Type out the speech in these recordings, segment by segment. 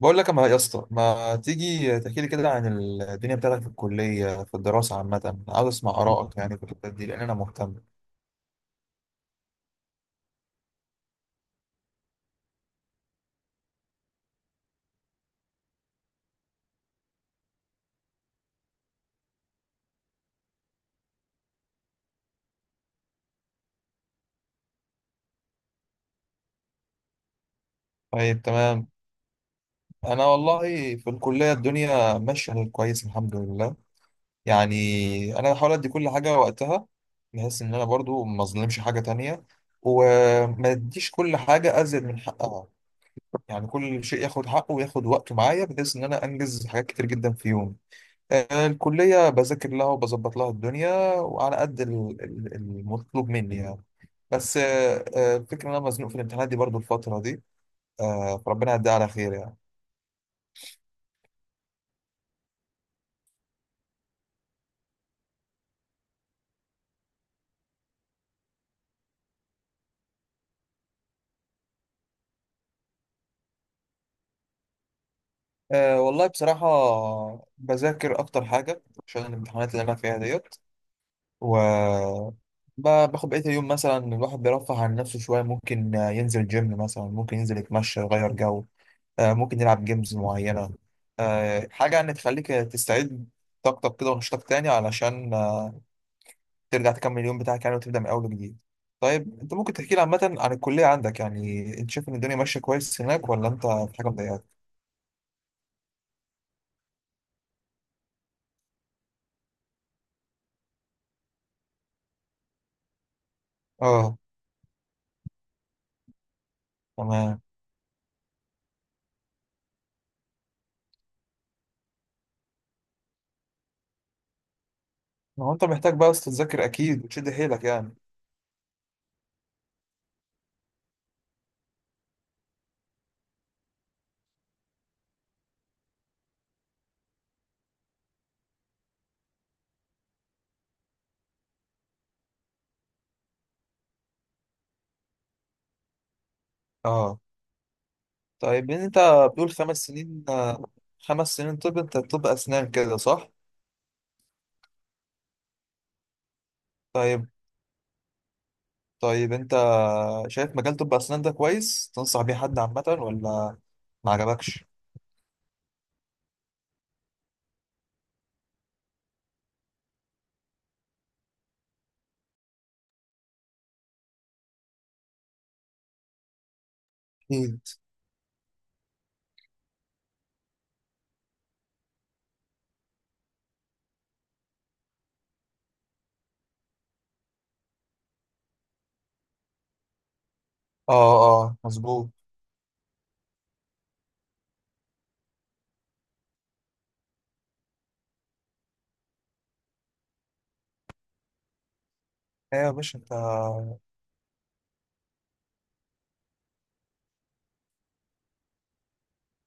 بقول لك، ما يا اسطى، ما تيجي تحكي لي كده عن الدنيا بتاعتك في الكلية، في الدراسة عامة. عاوز اسمع آرائك يعني في الحتة دي، لأن أنا مهتم. طيب، تمام. أنا والله في الكلية الدنيا ماشية كويس، الحمد لله. يعني أنا بحاول أدي كل حاجة وقتها، بحيث إن أنا برضو ما أظلمش حاجة تانية، وما أديش كل حاجة أزيد من حقها. يعني كل شيء ياخد حقه وياخد وقته معايا، بحيث إن أنا أنجز حاجات كتير جدا في يوم. الكلية بذاكر لها وبظبط لها الدنيا، وعلى قد المطلوب مني يعني. بس، الفكرة إن أنا مزنوق في الامتحانات دي برضو الفترة دي. فربنا يعديها على خير يعني. والله بصراحة بذاكر أكتر حاجة عشان الامتحانات اللي أنا فيها ديت. و باخد بقية اليوم مثلا، الواحد بيرفه عن نفسه شوية. ممكن ينزل جيم مثلا، ممكن ينزل يتمشى، يغير جو. ممكن نلعب جيمز معينة. حاجة يعني تخليك تستعيد طاقتك كده ونشاطك تاني، علشان ترجع تكمل اليوم بتاعك يعني، وتبدأ من أول وجديد. طيب، أنت ممكن تحكي لي عامة عن الكلية عندك؟ يعني أنت شايف إن الدنيا ماشية كويس هناك، ولا أنت في حاجة مضايقاك؟ أه. تمام. ما هو أنت محتاج بقى بس تذاكر أكيد وتشد حيلك يعني. أه. طيب، أنت بتقول خمس سنين؟ خمس سنين. طب أنت طب أسنان كده، صح؟ طيب. طيب، أنت شايف مجال طب أسنان ده كويس؟ تنصح بيه حد عامة، ولا ما عجبكش؟ اكيد. اه. اه، مظبوط. ايوه يا باشا، انت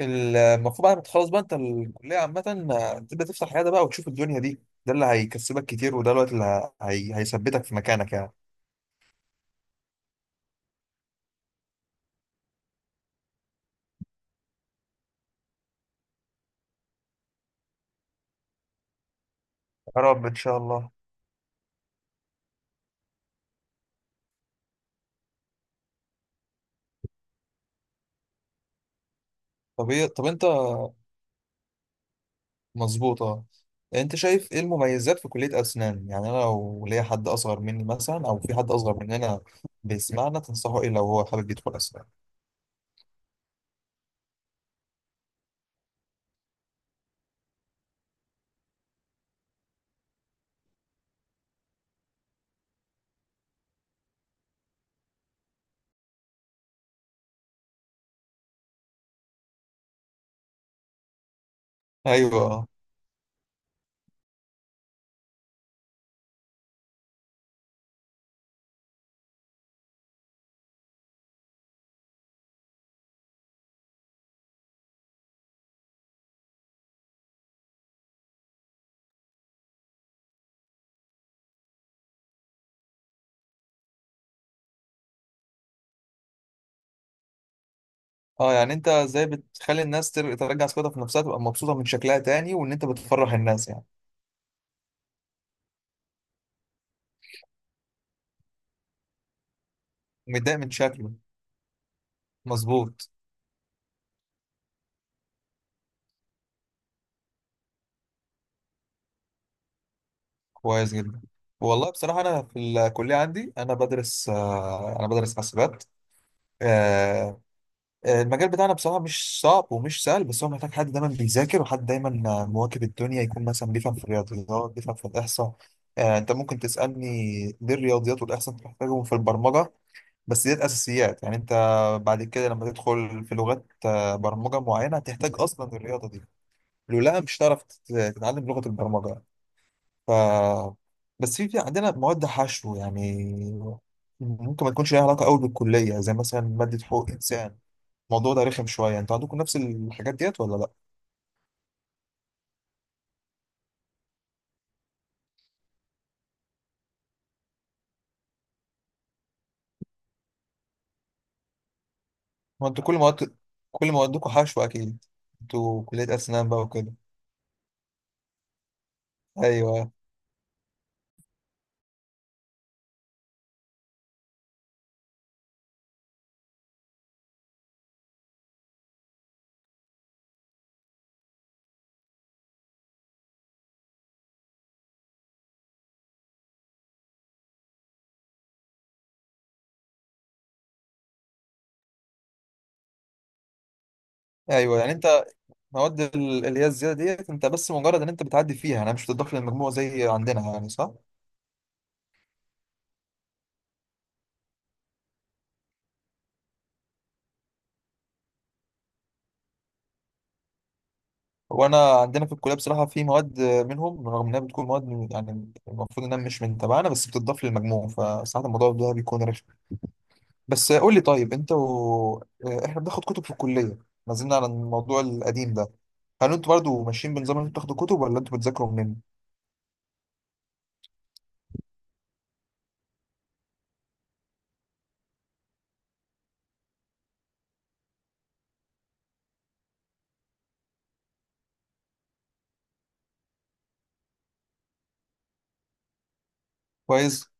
المفروض بعد ما تخلص بقى انت الكليه عامه، تبدا تفتح عياده بقى وتشوف الدنيا دي. ده اللي هيكسبك كتير، وده الوقت اللي هيثبتك في مكانك يعني. يا رب ان شاء الله. طب ايه؟ طب انت، مظبوط، اه. انت شايف ايه المميزات في كليه اسنان؟ يعني انا لو ليا حد اصغر مني مثلا، او في حد اصغر مننا بيسمعنا، تنصحه ايه لو هو حابب يدخل اسنان؟ ايوه. اه، يعني انت ازاي بتخلي الناس ترجع ثقتها في نفسها، تبقى مبسوطه من شكلها تاني، وان انت بتفرح الناس يعني. متضايق من شكله. مظبوط. كويس جدا. والله بصراحه انا في الكليه عندي، انا بدرس حاسبات. آه، المجال بتاعنا بصراحه مش صعب ومش سهل، بس هو محتاج حد دايما بيذاكر، وحد دايما مواكب الدنيا، يكون مثلا بيفهم في الرياضيات، بيفهم في الاحصاء. انت ممكن تسالني ليه الرياضيات والاحصاء بتحتاجهم في البرمجه. بس ديت اساسيات يعني، انت بعد كده لما تدخل في لغات برمجه معينه، هتحتاج اصلا الرياضه دي. لولا مش هتعرف تتعلم لغه البرمجه. ف بس في عندنا مواد حشو يعني، ممكن ما تكونش ليها علاقه قوي بالكليه، زي مثلا ماده حقوق انسان. الموضوع ده رخم شويه، انتوا عندكم نفس الحاجات ديت ولا لا؟ ما انتوا كل موادكم حشو اكيد. انتوا كليه اسنان بقى وكده. ايوه. ايوه، يعني انت المواد اللي هي الزياده ديت، انت بس مجرد ان انت بتعدي فيها، انا مش بتضاف للمجموع زي عندنا يعني، صح؟ وانا عندنا في الكليه بصراحه في مواد منهم، رغم انها بتكون مواد يعني المفروض انها مش من تبعنا، بس بتضاف للمجموع، فساعات الموضوع ده بيكون رخم. بس قول لي، طيب انت اه، احنا بناخد كتب في الكليه، ما زلنا على الموضوع القديم ده. هل انتوا برضه ماشيين بنظام ان انتوا بتاخدوا كتب، ولا انتوا بتذاكروا منين؟ كويس.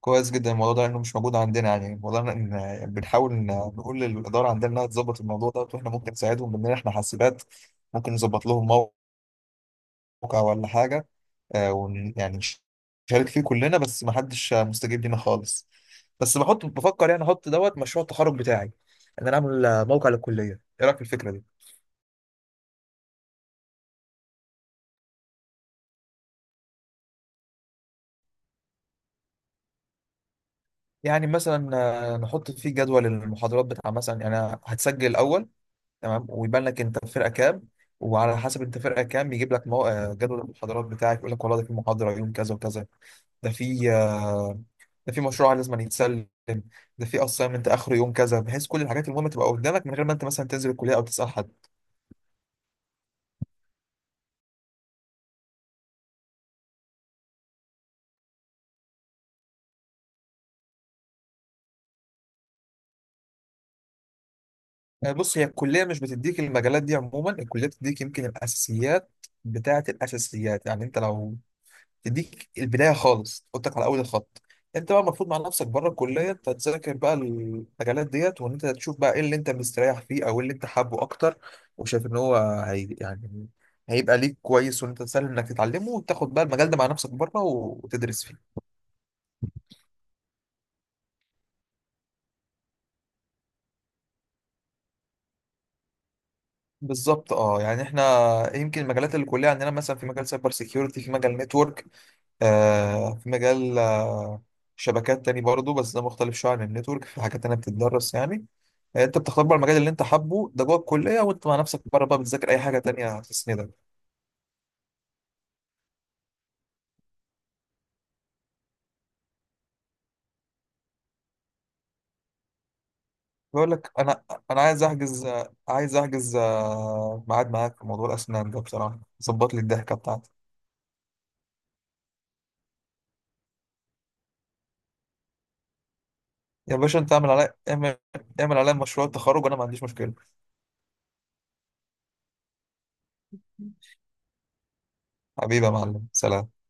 كويس جدا الموضوع ده، لانه مش موجود عندنا. يعني الموضوع ده ان بنحاول إن نقول للاداره عندنا انها تظبط الموضوع ده، واحنا ممكن نساعدهم بان احنا حاسبات ممكن نظبط لهم موقع ولا حاجه، آه، ون يعني نش- نشارك فيه كلنا، بس ما حدش مستجيب لينا خالص. بس بفكر يعني احط دوت مشروع التخرج بتاعي، ان انا اعمل موقع للكليه، ايه رايك في الفكره دي؟ يعني مثلا نحط فيه جدول المحاضرات بتاع مثلا، يعني أنا هتسجل الاول. تمام، ويبان لك انت فرقه كام، وعلى حسب انت فرقه كام بيجيب لك مو... آه، جدول المحاضرات بتاعك، يقول لك والله ده في محاضره يوم كذا وكذا، ده في آه، ده في مشروع لازم يتسلم، ده في اسايمنت اخر يوم كذا، بحيث كل الحاجات المهمه تبقى قدامك من غير ما انت مثلا تنزل الكليه او تسال حد. بص، هي الكليه مش بتديك المجالات دي عموما، الكليه بتديك يمكن الاساسيات بتاعه الاساسيات. يعني انت لو تديك البدايه خالص، تحطك على اول الخط. انت بقى المفروض مع نفسك بره الكليه، انت تذاكر بقى المجالات ديت، وان انت تشوف بقى ايه اللي انت مستريح فيه، او إيه اللي انت حابه اكتر، وشايف ان هو هي يعني هيبقى ليك كويس، وان انت سهل انك تتعلمه، وتاخد بقى المجال ده مع نفسك بره وتدرس فيه. بالظبط اه، يعني احنا يمكن المجالات اللي الكليه عندنا، مثلا في مجال سايبر سيكيورتي، في مجال نتورك، في مجال شبكات تاني برضه، بس ده مختلف شويه عن النتورك، في حاجات تانية بتتدرس يعني. يعني انت بتختار بقى المجال اللي انت حابه ده جوه الكليه، وانت مع نفسك بره بقى بتذاكر اي حاجه تانية تسندك. بيقول لك انا عايز احجز ميعاد معاك في موضوع الاسنان ده، بصراحه ظبط لي الضحكه بتاعتي. يا باشا انت، اعمل عليا مشروع التخرج وانا ما عنديش مشكله. حبيبي يا معلم، سلام.